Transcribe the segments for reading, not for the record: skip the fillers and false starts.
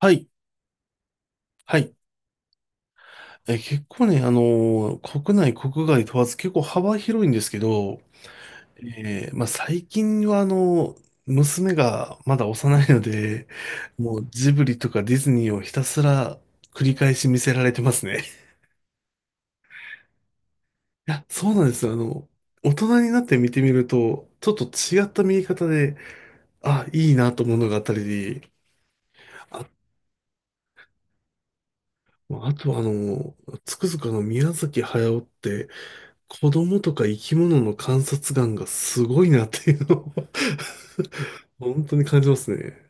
はい。はい。結構ね、国内、国外問わず結構幅広いんですけど、まあ、最近は娘がまだ幼いので、もうジブリとかディズニーをひたすら繰り返し見せられてますね。いや、そうなんですよ。大人になって見てみると、ちょっと違った見え方で、あ、いいなと思うのがあったり、あ、あとはつくづく宮崎駿って、子供とか生き物の観察眼がすごいなっていうのを 本当に感じますね。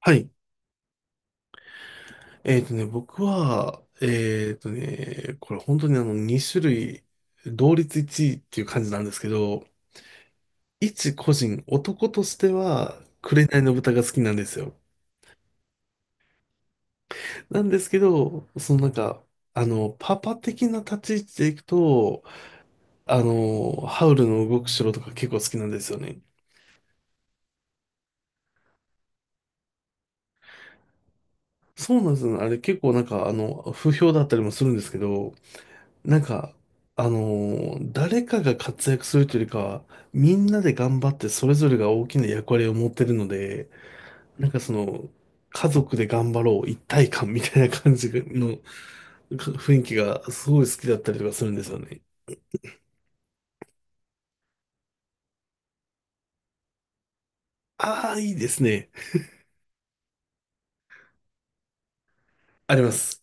はい。僕は、これ本当にあの2種類、同率1位っていう感じなんですけど、一個人、男としては、紅の豚が好きなんですよ。なんですけど、そのなんか、パパ的な立ち位置でいくと、ハウルの動く城とか結構好きなんですよね。そうなんですよね。あれ結構なんか、不評だったりもするんですけど、なんか、あの誰かが活躍するというよりかは、みんなで頑張ってそれぞれが大きな役割を持ってるので、なんかその、家族で頑張ろう、一体感みたいな感じのか雰囲気がすごい好きだったりとかするんですよね。ああ、いいですね。あります。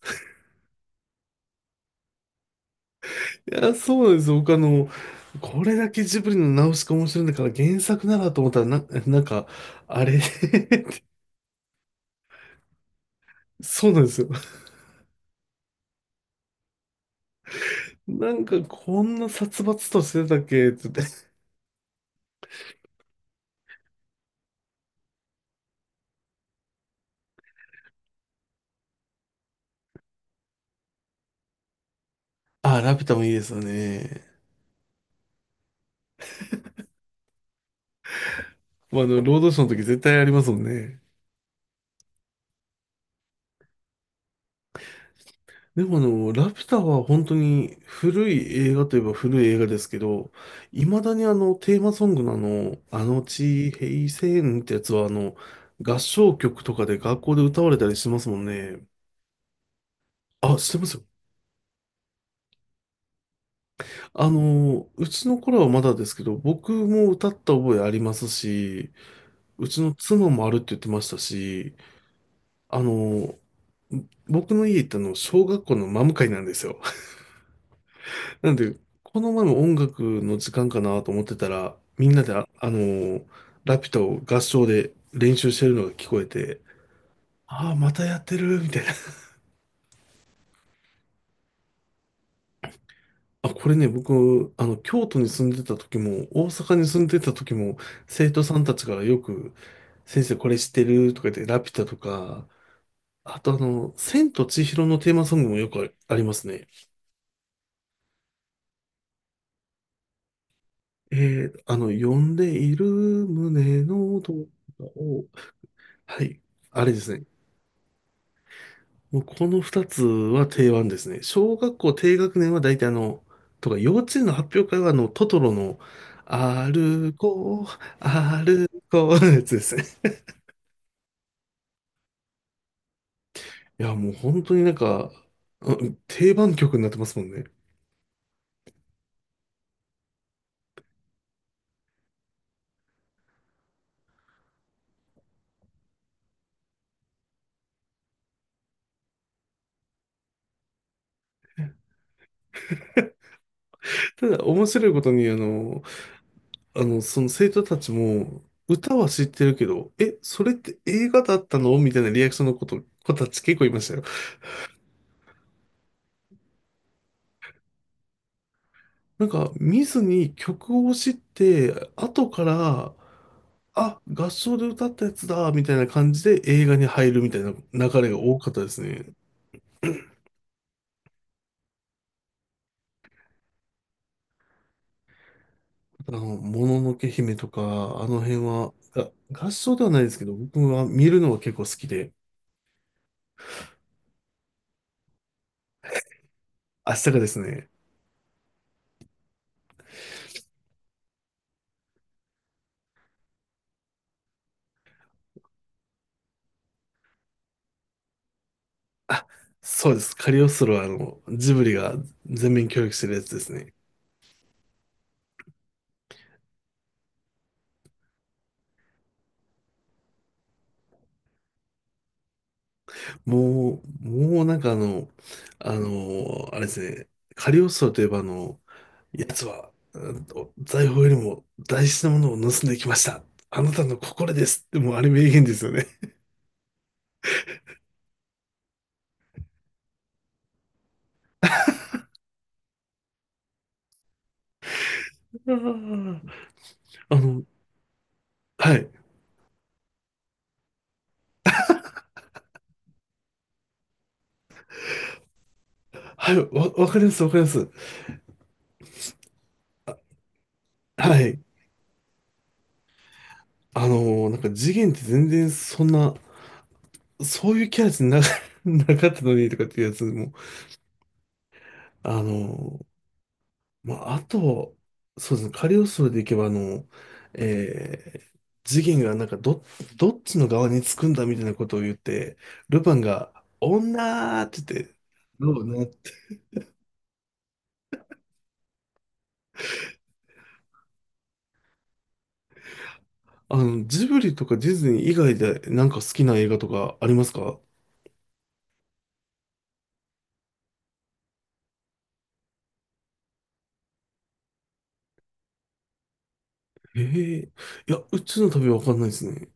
いや、そうなんですよ。僕これだけジブリのナウシカ面白いんだから原作ならと思ったら、なんか、あれ そうなんですよ。なんかこんな殺伐としてたっけって言って。あ、ラピュタもいいですよね。まあ、ロードショーの時絶対ありますもんね。でもラピュタは本当に古い映画といえば古い映画ですけど、未だにテーマソングのあの地平線ってやつは合唱曲とかで学校で歌われたりしますもんね。あ、してますよ。うちの頃はまだですけど、僕も歌った覚えありますし、うちの妻もあるって言ってましたし、あの、僕の家行っての、小学校のマム会なんですよ。なんで、この前も音楽の時間かなと思ってたら、みんなでラピュタを合唱で練習してるのが聞こえて、ああ、またやってる、みたいな。あ、これね、僕、京都に住んでた時も、大阪に住んでた時も、生徒さんたちからよく、先生これ知ってるとか言って、ラピュタとか、あと千と千尋のテーマソングもよくありますね。え呼んでいる胸の動画を、はい、あれですね。もうこの二つは定番ですね。小学校低学年は大体とか、幼稚園の発表会はトトロの、歩こう、歩こうのやつですね。いや、もう本当になんか、うん定番曲になってますもんね。ただ、面白いことに、その生徒たちも、歌は知ってるけど、え、それって映画だったのみたいなリアクションのこと、子たち結構いましたよ。なんか、見ずに曲を知って、後から、あ、合唱で歌ったやつだ、みたいな感じで映画に入るみたいな流れが多かったですね。もののけ姫とか、あの辺は、が合唱ではないですけど、僕は見るのが結構好きで、明日がですね、そうです、カリオストロはジブリが全面協力してるやつですね。もうなんかあれですね、カリオストロといえば奴は、うんと財宝よりも大事なものを盗んできました。あなたの心ですって、もうあれ名言ですよね。あーあの、はい、はい、わかります、わかります。はい。なんか次元って全然そんな、そういうキャラじゃな、なかったのにとかっていうやつも、あの、まあ、あと、そうですね、カリオストロでいけば、えー、次元がなんかどっちの側につくんだみたいなことを言って、ルパンが、女ーって言って、どうなって、ジブリとかディズニー以外でなんか好きな映画とかありますか？へえ、いや、宇宙の旅はわかんないですね。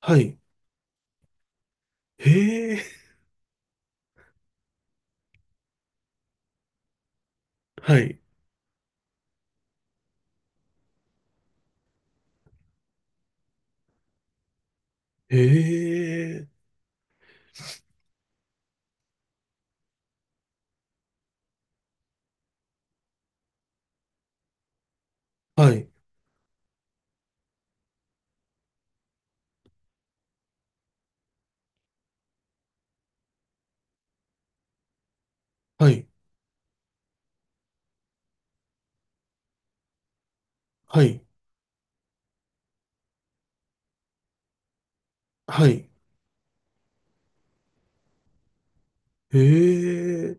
はい。へえ、はい。へえ、はい。はい。はい。はい。へえ、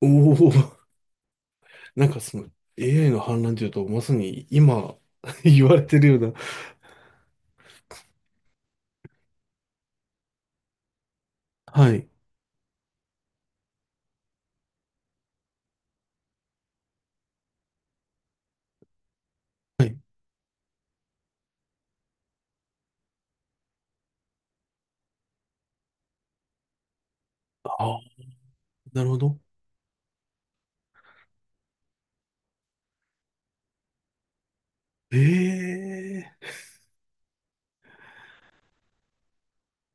おお。なんかその AI の反乱というと、まさに今 言われてるような。はい。はい。ああ、なるほど。ええ、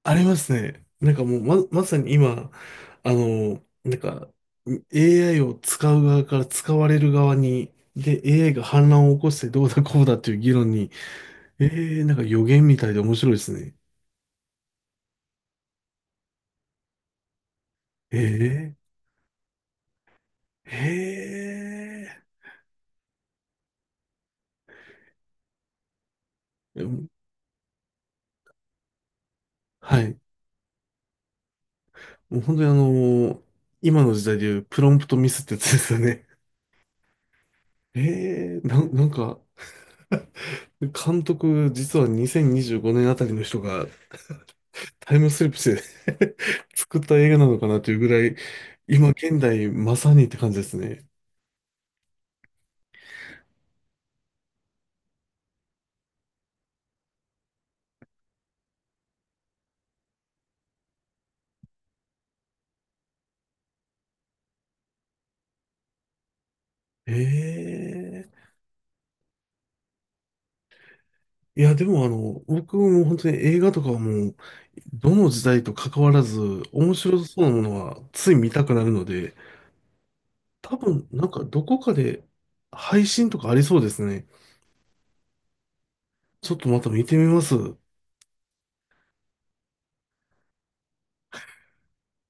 ありますね。なんかもうまさに今、なんか AI を使う側から使われる側に、で、AI が反乱を起こしてどうだこうだっていう議論に、ええ、なんか予言みたいで面白いですね。ええ。ええ。うん。はい。もう本当に今の時代でいうプロンプトミスってやつですよね。なんか、監督、実は2025年あたりの人がタイムスリップして 作った映画なのかなというぐらい、今現代まさにって感じですね。ええ、いや、でも僕も本当に映画とかはもう、どの時代と関わらず、面白そうなものはつい見たくなるので、多分、なんかどこかで配信とかありそうですね。ちょっとまた見てみます。